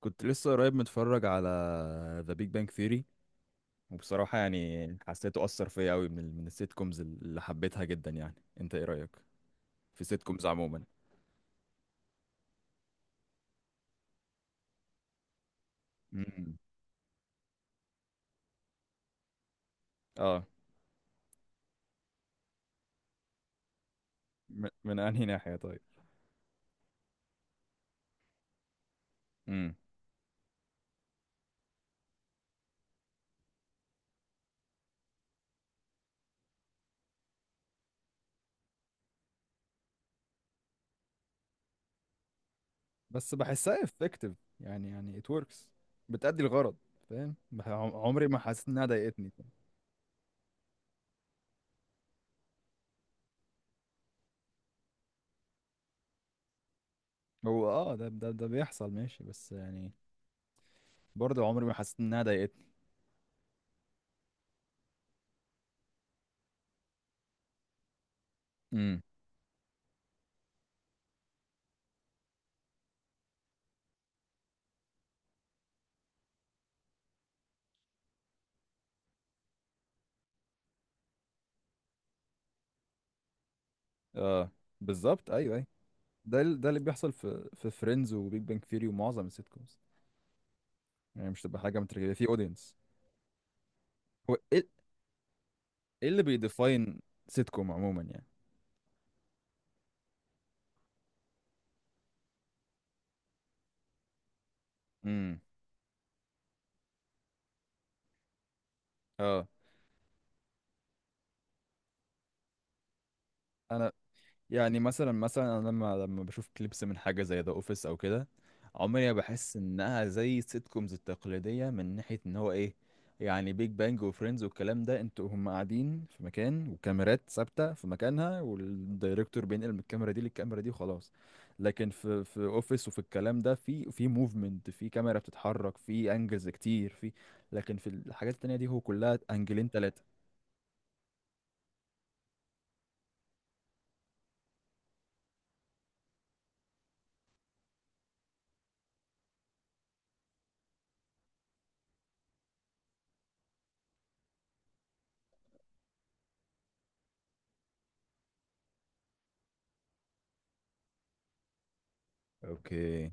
كنت لسه قريب متفرج على ذا بيج بانج ثيري، وبصراحة يعني حسيته أثر فيا أوي من السيت كومز اللي حبيتها جدا يعني. أنت إيه رأيك في سيت كومز عموما؟ امم، اه، من انهي ناحية؟ طيب. امم بس بحسها effective، يعني it works، بتأدي الغرض. فاهم، عمري ما حسيت انها ضايقتني. هو، اه، ده بيحصل ماشي، بس يعني برضه عمري ما حسيت انها ضايقتني. امم، اه، بالظبط، ايوه، ايوه. ده اللي بيحصل في فريندز وبيج بانج ثيري ومعظم السيت كومز. يعني مش تبقى حاجه متركبه في اودينس. هو ايه، إيه اللي بيديفاين سيت كوم عموما يعني؟ امم، اه، انا يعني مثلا انا لما بشوف كليبس من حاجه زي ذا اوفيس او كده، عمري ما بحس انها زي السيت كومز التقليديه، من ناحيه ان هو ايه. يعني بيج بانج وفريندز والكلام ده انتوا هم قاعدين في مكان، وكاميرات ثابته في مكانها، والدايركتور بينقل من الكاميرا دي للكاميرا دي وخلاص. لكن في اوفيس وفي الكلام ده، في موفمنت، في كاميرا بتتحرك، في انجلز كتير، في. لكن في الحاجات التانية دي هو كلها انجلين تلاتة. اوكي.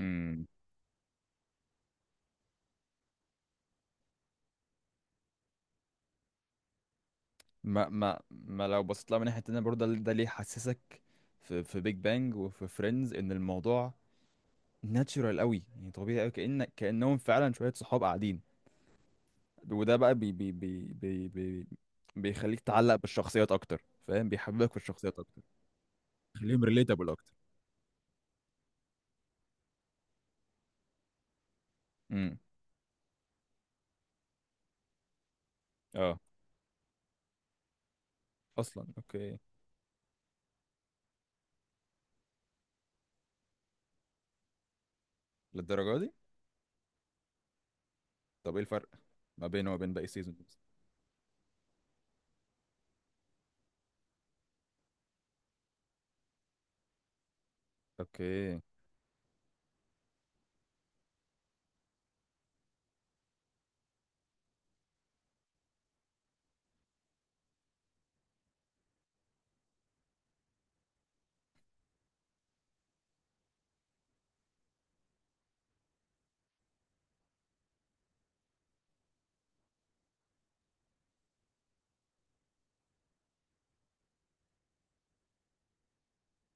امم ما لو بصيت لها من ناحيه تانية برضه، ده ليه حسسك في بيج بانج وفي فريندز ان الموضوع ناتشورال قوي، يعني طبيعي قوي، كأنهم فعلا شويه صحاب قاعدين، وده بقى بي بي بي بي بي بيخليك تعلق بالشخصيات اكتر، فاهم، بيحببك في الشخصيات اكتر، خليهم ريليتابل اكتر. امم، اه، اصلا اوكي، للدرجه دي؟ طب ايه الفرق ما بينه وما بين باقي سيزونز؟ اوكي.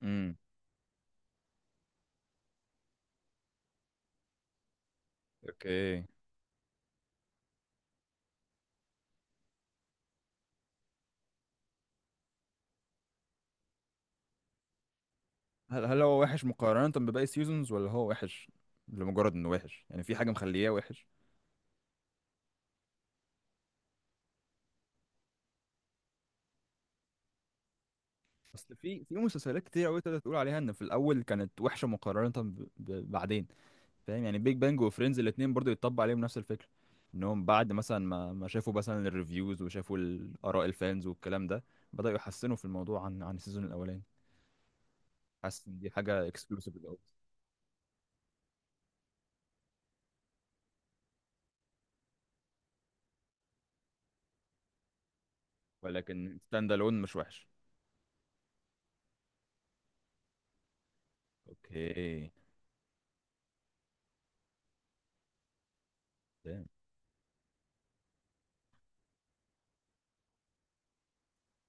امم اوكي، هل هو وحش مقارنة بباقي السيزونز، ولا هو وحش لمجرد انه وحش؟ يعني في حاجة مخلياه وحش؟ اصل في في مسلسلات كتير قوي تقدر تقول عليها ان في الاول كانت وحشة مقارنة بعدين، فاهم؟ يعني بيج بانج وفريندز الاتنين برضو يتطبق عليهم نفس الفكرة، انهم بعد مثلا ما شافوا مثلا الريفيوز وشافوا الاراء الفانز والكلام ده بدأوا يحسنوا في الموضوع عن السيزون الاولاني. حاسس ان دي حاجة اكسكلوسيف قوي، ولكن ستاند الون مش وحش. اوكي، تمام.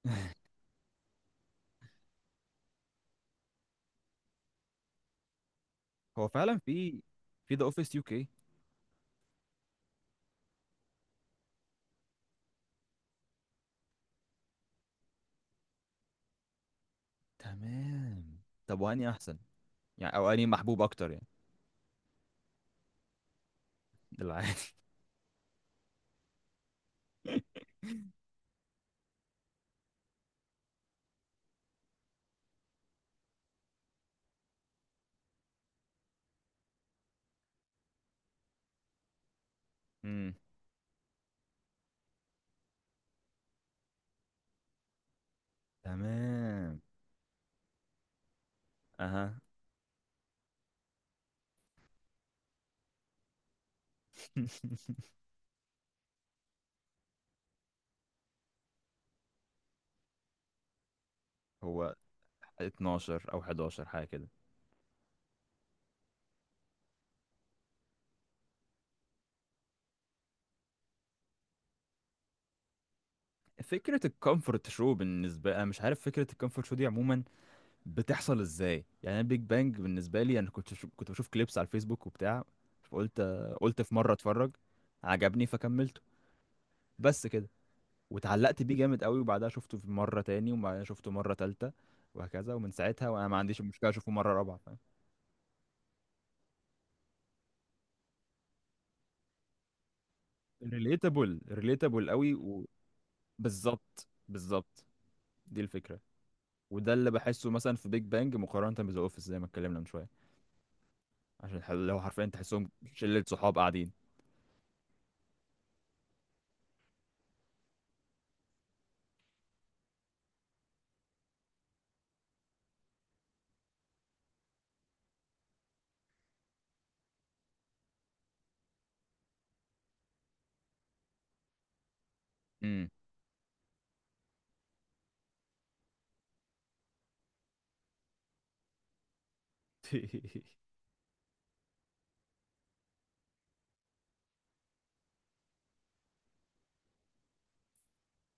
هو فعلا في ذا اوفيس يو كي. تمام. طب واني احسن يعني، او اني محبوب اكتر يعني؟ العادي. امم. تمام. اها. هو 12 او 11 حاجه كده. فكره الكومفورت شو بالنسبه، انا مش عارف فكره الكومفورت شو دي عموما بتحصل ازاي. يعني انا بيج بانج بالنسبه لي، انا كنت بشوف كليبس على الفيسبوك وبتاع، فقلت قلت في مره اتفرج، عجبني فكملته، بس كده. واتعلقت بيه جامد قوي، وبعدها شفته في مرة تاني، وبعدها شفته مرة تالتة، وهكذا، ومن ساعتها وانا ما عنديش مشكلة اشوفه مرة رابعة. فاهم؟ ريليتابل، ريليتابل قوي. وبالظبط، بالظبط. دي الفكرة. وده اللي بحسه مثلا في بيج بانج مقارنة بذا اوفيس زي ما اتكلمنا من شوية، عشان لو حرفيا تحسهم شلة صحاب قاعدين. امم.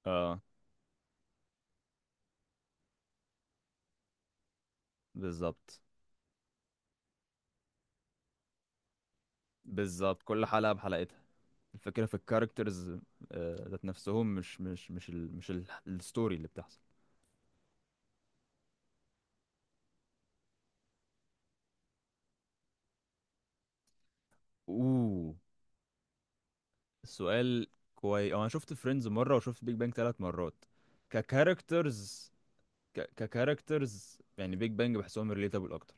اه. بالظبط، بالظبط، كل حلقة بحلقتها. الفكرة في الكاركترز، ذات نفسهم، مش الستوري اللي بتحصل. اوه، السؤال كويس. انا شفت فريندز مره، وشفت بيج بانج ثلاث مرات. ككاركترز، ككاركترز يعني بيج بانج بحسهم ريليتابل اكتر،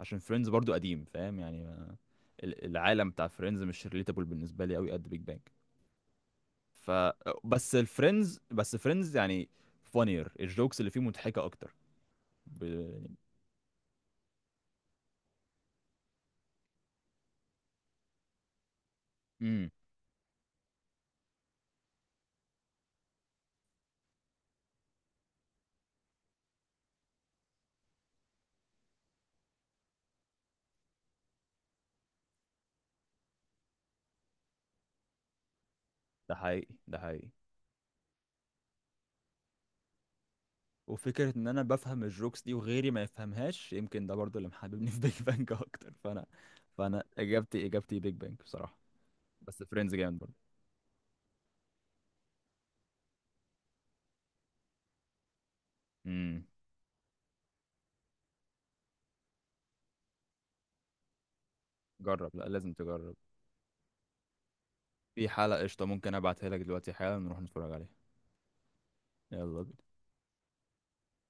عشان فريندز برضو قديم، فاهم يعني، العالم بتاع فريندز مش ريليتابل بالنسبه لي قوي قد بيج بانج. ف، بس الفريندز، بس فريندز يعني فانير الجوكس اللي فيه مضحكه اكتر ب... امم ده حقيقي، ده حقيقي. وفكرة إن أنا بفهم الجوكس دي وغيري ما يفهمهاش يمكن ده برضو اللي محببني في بيج بانج أكتر، فأنا، فأنا إجابتي بيج بانج بصراحة. بس فريندز جامد برضو. امم جرب، لا، لازم تجرب. في حلقة قشطة، ممكن أبعتها لك دلوقتي حالا نروح نتفرج عليها. يلا بينا.